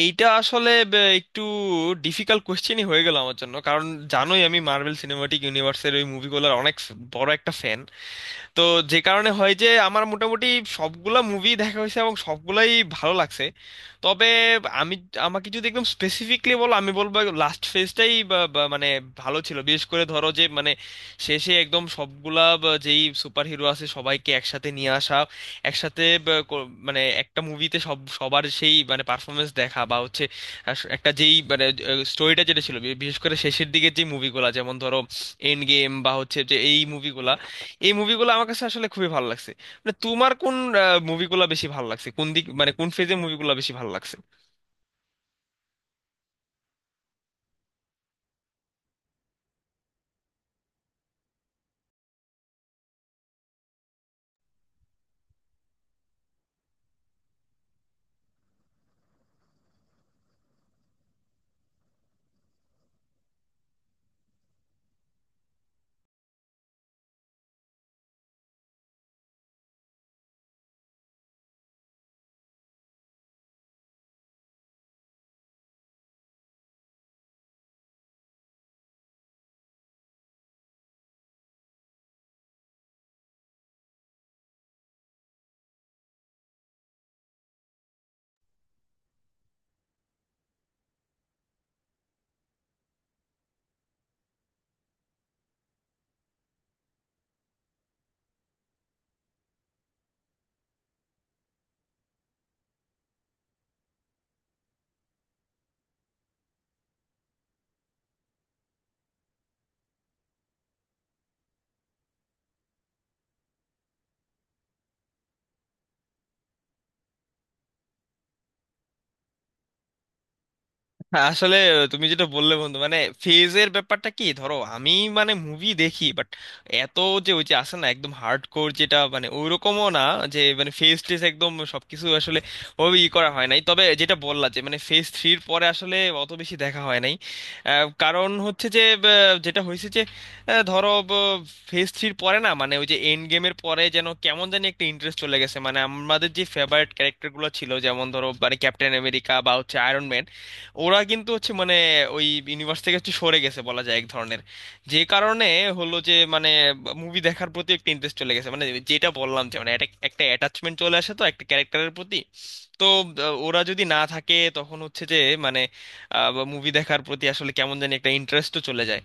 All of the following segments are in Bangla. এইটা আসলে একটু ডিফিকাল্ট কোশ্চেনই হয়ে গেল আমার জন্য, কারণ জানোই আমি মার্বেল সিনেমাটিক ইউনিভার্সের ওই মুভিগুলোর অনেক বড় একটা ফ্যান। তো যে কারণে হয় যে আমার মোটামুটি সবগুলা মুভি দেখা হয়েছে এবং সবগুলাই ভালো লাগছে। তবে আমি, আমাকে যদি একদম স্পেসিফিকলি বলো আমি বলবো লাস্ট ফেজটাই মানে ভালো ছিল। বিশেষ করে ধরো যে মানে শেষে একদম সবগুলা বা যেই সুপার হিরো আছে সবাইকে একসাথে নিয়ে আসা, একসাথে বা মানে একটা মুভিতে সবার সেই মানে পারফরমেন্স দেখা বা হচ্ছে একটা যেই মানে স্টোরিটা যেটা ছিল বিশেষ করে শেষের দিকে যে মুভিগুলা, যেমন ধরো এন্ড গেম বা হচ্ছে যে এই মুভিগুলা, এই মুভিগুলো আমার কাছে আসলে খুবই ভালো লাগছে। মানে তোমার কোন মুভিগুলো বেশি ভালো লাগছে, কোন দিক মানে কোন ফেজে মুভিগুলো বেশি ভালো লাগছে? হ্যাঁ, আসলে তুমি যেটা বললে বন্ধু, মানে ফেজের ব্যাপারটা কি, ধরো আমি মানে মুভি দেখি বাট এত যে ওই যে আসে না একদম হার্ড কোর, যেটা মানে ওইরকমও না যে মানে ফেজ টেজ একদম সবকিছু আসলে ওই ই করা হয় নাই। তবে যেটা বললা যে মানে ফেজ থ্রির পরে আসলে অত বেশি দেখা হয় নাই। কারণ হচ্ছে যে যেটা হয়েছে যে ধরো ফেজ থ্রির পরে না মানে ওই যে এন্ড গেমের পরে যেন কেমন জানি একটা ইন্টারেস্ট চলে গেছে। মানে আমাদের যে ফেভারিট ক্যারেক্টারগুলো ছিল যেমন ধরো মানে ক্যাপ্টেন আমেরিকা বা হচ্ছে আয়রন ম্যান, ওরা কিন্তু হচ্ছে মানে ওই ইউনিভার্স থেকে একটু সরে গেছে বলা যায় এক ধরনের। যে কারণে হলো যে মানে মুভি দেখার প্রতি একটা ইন্টারেস্ট চলে গেছে। মানে যেটা বললাম যে মানে একটা একটা অ্যাটাচমেন্ট চলে আসে তো একটা ক্যারেক্টারের প্রতি। তো ওরা যদি না থাকে তখন হচ্ছে যে মানে মুভি দেখার প্রতি আসলে কেমন জানি একটা ইন্টারেস্টও চলে যায়।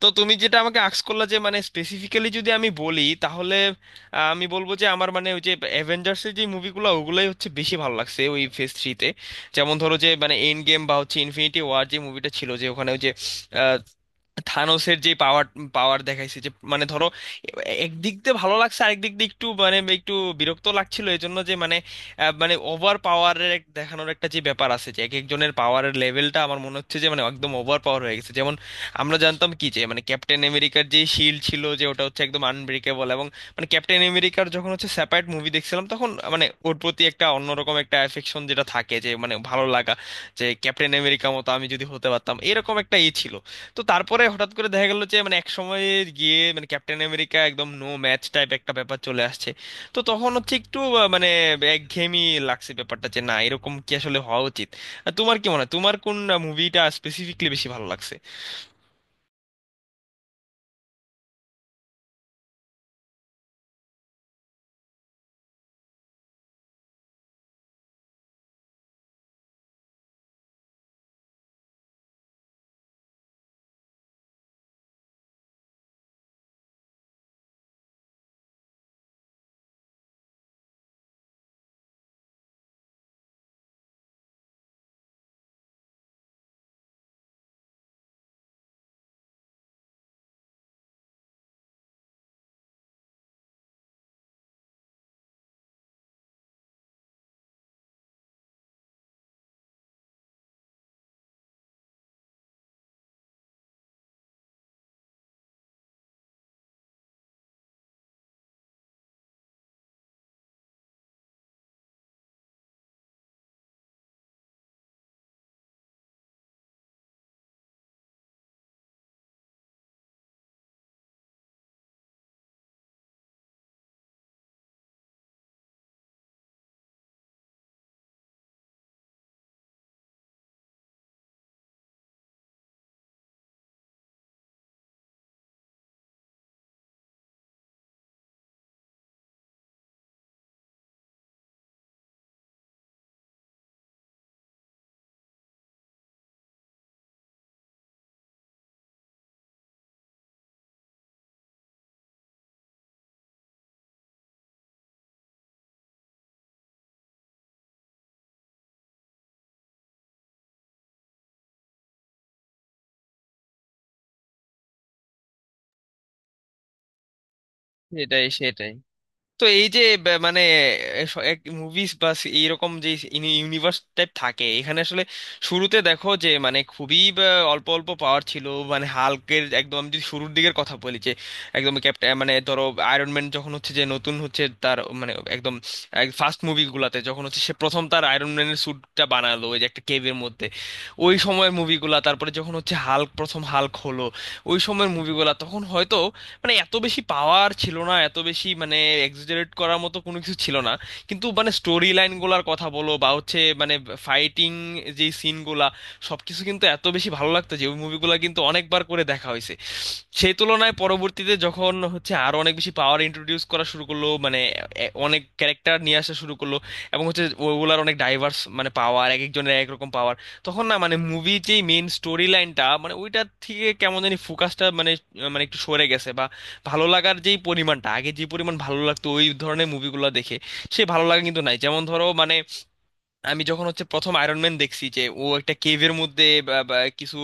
তো তুমি যেটা আমাকে আক্স করলা যে মানে স্পেসিফিক্যালি যদি আমি বলি তাহলে আমি বলবো যে আমার মানে ওই যে অ্যাভেঞ্জার্সের যে মুভিগুলো ওগুলোই হচ্ছে বেশি ভালো লাগছে ওই ফেজ থ্রিতে। যেমন ধরো যে মানে এন্ড গেম বা হচ্ছে ইনফিনিটি ওয়ার যে মুভিটা ছিল, যে ওখানে ওই যে থানোসের যে পাওয়ার পাওয়ার দেখাইছে, যে মানে ধরো একদিক দিয়ে ভালো লাগছে, আরেক দিক দিয়ে একটু মানে একটু বিরক্ত লাগছিল। এই জন্য যে মানে মানে ওভার পাওয়ারের এক দেখানোর একটা যে ব্যাপার আছে, যে এক একজনের পাওয়ারের লেভেলটা আমার মনে হচ্ছে যে মানে একদম ওভার পাওয়ার হয়ে গেছে। যেমন আমরা জানতাম কি যে মানে ক্যাপ্টেন আমেরিকার যে শিল্ড ছিল যে ওটা হচ্ছে একদম আনব্রেকেবল। এবং মানে ক্যাপ্টেন আমেরিকার যখন হচ্ছে সেপারেট মুভি দেখছিলাম তখন মানে ওর প্রতি একটা অন্যরকম একটা অ্যাফেকশন যেটা থাকে, যে মানে ভালো লাগা, যে ক্যাপ্টেন আমেরিকা মতো আমি যদি হতে পারতাম এরকম একটা ই ছিল। তো তারপরে হঠাৎ করে দেখা গেল যে মানে এক সময় গিয়ে মানে ক্যাপ্টেন আমেরিকা একদম নো ম্যাচ টাইপ একটা ব্যাপার চলে আসছে। তো তখন হচ্ছে একটু মানে একঘেয়েমি লাগছে ব্যাপারটা, যে না এরকম কি আসলে হওয়া উচিত। আর তোমার কি মনে হয়, তোমার কোন মুভিটা স্পেসিফিকলি বেশি ভালো লাগছে? সেটাই সেটাই। তো এই যে মানে মুভিজ বা এইরকম যে ইউনিভার্স টাইপ থাকে, এখানে আসলে শুরুতে দেখো যে মানে খুবই বা অল্প অল্প পাওয়ার ছিল। মানে হাল্কের একদম আমি যদি শুরুর দিকের কথা বলি, যে একদম ক্যাপ্টেন মানে ধরো আয়রন ম্যান যখন হচ্ছে যে নতুন হচ্ছে তার মানে একদম ফার্স্ট মুভিগুলাতে যখন হচ্ছে সে প্রথম তার আয়রন ম্যানের স্যুটটা বানালো ওই যে একটা কেভের মধ্যে, ওই সময়ের মুভিগুলা, তারপরে যখন হচ্ছে হাল্ক প্রথম হাল্ক হলো, ওই সময়ের মুভিগুলা তখন হয়তো মানে এত বেশি পাওয়ার ছিল না, এত বেশি মানে এক্সাজারেট করার মতো কোনো কিছু ছিল না। কিন্তু মানে স্টোরি লাইনগুলোর কথা বলো বা হচ্ছে মানে ফাইটিং যে সিনগুলা সবকিছু কিন্তু এত বেশি ভালো লাগতো যে ওই মুভিগুলো কিন্তু অনেকবার করে দেখা হয়েছে। সেই তুলনায় পরবর্তীতে যখন হচ্ছে আরো অনেক বেশি পাওয়ার ইন্ট্রোডিউস করা শুরু করলো, মানে অনেক ক্যারেক্টার নিয়ে আসা শুরু করলো, এবং হচ্ছে ওগুলার অনেক ডাইভার্স মানে পাওয়ার, এক একজনের এক রকম পাওয়ার, তখন না মানে মুভি যেই মেইন স্টোরি লাইনটা মানে ওইটার থেকে কেমন জানি ফোকাসটা মানে মানে একটু সরে গেছে। বা ভালো লাগার যেই পরিমাণটা, আগে যে পরিমাণ ভালো লাগতো ওই ধরনের মুভিগুলো দেখে, সে ভালো লাগা কিন্তু নাই। যেমন ধরো মানে আমি যখন হচ্ছে প্রথম আয়রন ম্যান দেখছি যে ও একটা কেভের মধ্যে বা বা কিছু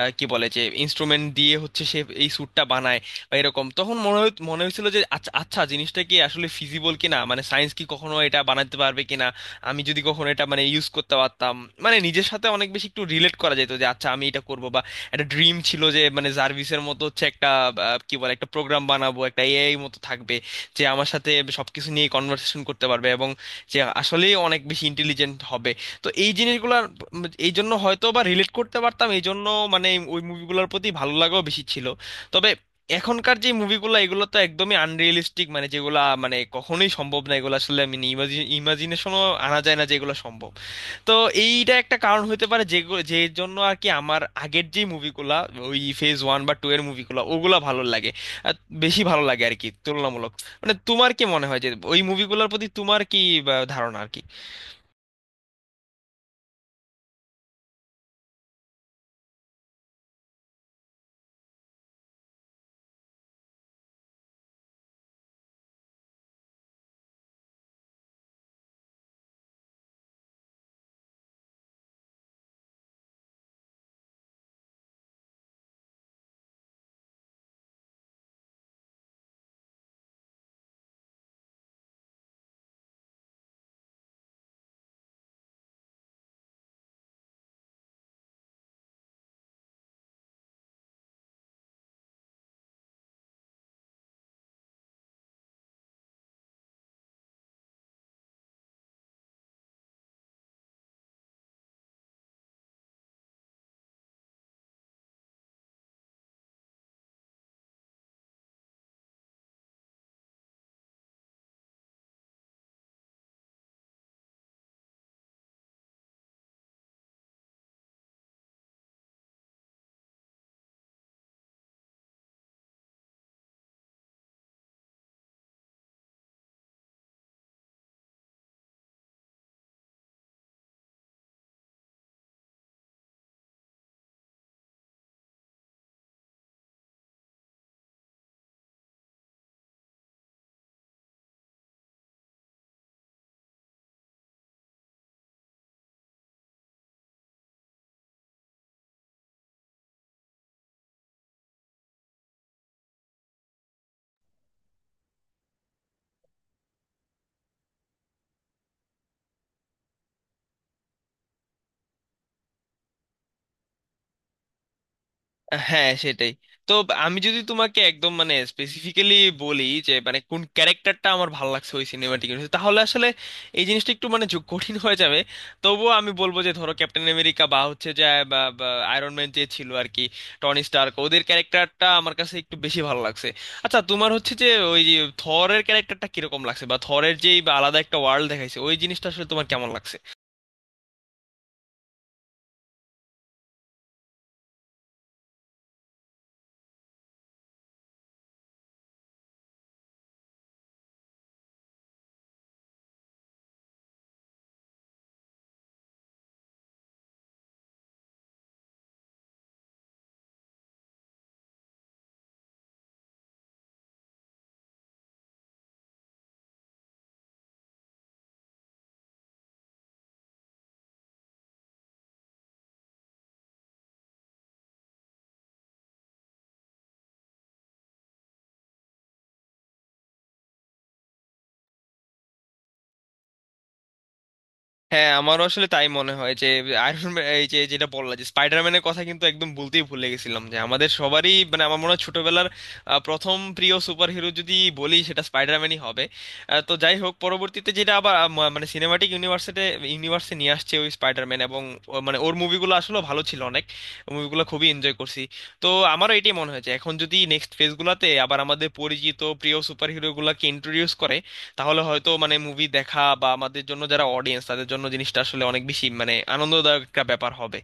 কি বলে যে ইনস্ট্রুমেন্ট দিয়ে হচ্ছে সে এই স্যুটটা বানায় বা এরকম, তখন মনে হয়েছিল যে আচ্ছা আচ্ছা জিনিসটা কি আসলে ফিজিবল কিনা, মানে সায়েন্স কি কখনো এটা বানাতে পারবে কিনা, আমি যদি কখনো এটা মানে ইউজ করতে পারতাম, মানে নিজের সাথে অনেক বেশি একটু রিলেট করা যেত যে আচ্ছা আমি এটা করব। বা একটা ড্রিম ছিল যে মানে জার্ভিসের মতো হচ্ছে একটা কি বলে একটা প্রোগ্রাম বানাবো, একটা এআই মতো থাকবে যে আমার সাথে সবকিছু নিয়ে কনভারসেশন করতে পারবে এবং যে আসলেই অনেক বেশি ইন্টেলিজেন্ট হবে। তো এই জিনিসগুলোর এই জন্য হয়তো বা রিলেট করতে পারতাম, এই জন্য মানে ওই মুভিগুলোর প্রতি ভালো লাগাও বেশি ছিল। তবে এখনকার যে মুভিগুলো এগুলো তো একদমই আনরিয়েলিস্টিক, মানে যেগুলা মানে কখনোই সম্ভব না, এগুলো আসলে আমি ইমাজিনেশনও আনা যায় না যে এগুলো সম্ভব। তো এইটা একটা কারণ হতে পারে যে, যে জন্য আর কি আমার আগের যে মুভিগুলা ওই ফেজ ওয়ান বা টু এর মুভিগুলা ওগুলা ভালো লাগে, আর বেশি ভালো লাগে আর কি তুলনামূলক। মানে তোমার কি মনে হয় যে ওই মুভিগুলোর প্রতি তোমার কি বা, ধারণা আর কি? হ্যাঁ সেটাই। তো আমি যদি তোমাকে একদম মানে স্পেসিফিক্যালি বলি যে মানে কোন ক্যারেক্টারটা আমার ভালো লাগছে ওই সিনেমাটিক, তাহলে আসলে এই জিনিসটা একটু মানে কঠিন হয়ে যাবে। তবুও আমি বলবো যে ধরো ক্যাপ্টেন আমেরিকা বা হচ্ছে যে আয়রন ম্যান যে ছিল আর কি, টনি স্টার্ক, ওদের ক্যারেক্টারটা আমার কাছে একটু বেশি ভালো লাগছে। আচ্ছা তোমার হচ্ছে যে ওই থরের ক্যারেক্টারটা কিরকম লাগছে, বা থরের যেই বা আলাদা একটা ওয়ার্ল্ড দেখাইছে ওই জিনিসটা আসলে তোমার কেমন লাগছে? হ্যাঁ আমারও আসলে তাই মনে হয় যে আয়রন ম্যান, এই যে যেটা বললাম যে স্পাইডারম্যানের কথা কিন্তু একদম বলতেই ভুলে গেছিলাম, যে আমাদের সবারই মানে আমার মনে হয় ছোটবেলার প্রথম প্রিয় সুপারহিরো যদি বলি সেটা স্পাইডারম্যানই হবে। তো যাই হোক পরবর্তীতে যেটা আবার মানে সিনেমাটিক ইউনিভার্সে নিয়ে আসছে ওই স্পাইডারম্যান, এবং মানে ওর মুভিগুলো আসলে ভালো ছিল অনেক, মুভিগুলো খুবই এনজয় করছি। তো আমারও এটাই মনে হয়েছে, এখন যদি নেক্সট ফেজগুলোতে আবার আমাদের পরিচিত প্রিয় সুপারহিরোগুলোকে ইন্ট্রোডিউস করে, তাহলে হয়তো মানে মুভি দেখা বা আমাদের জন্য যারা অডিয়েন্স তাদের জন্য জিনিসটা আসলে অনেক বেশি মানে আনন্দদায়ক একটা ব্যাপার হবে।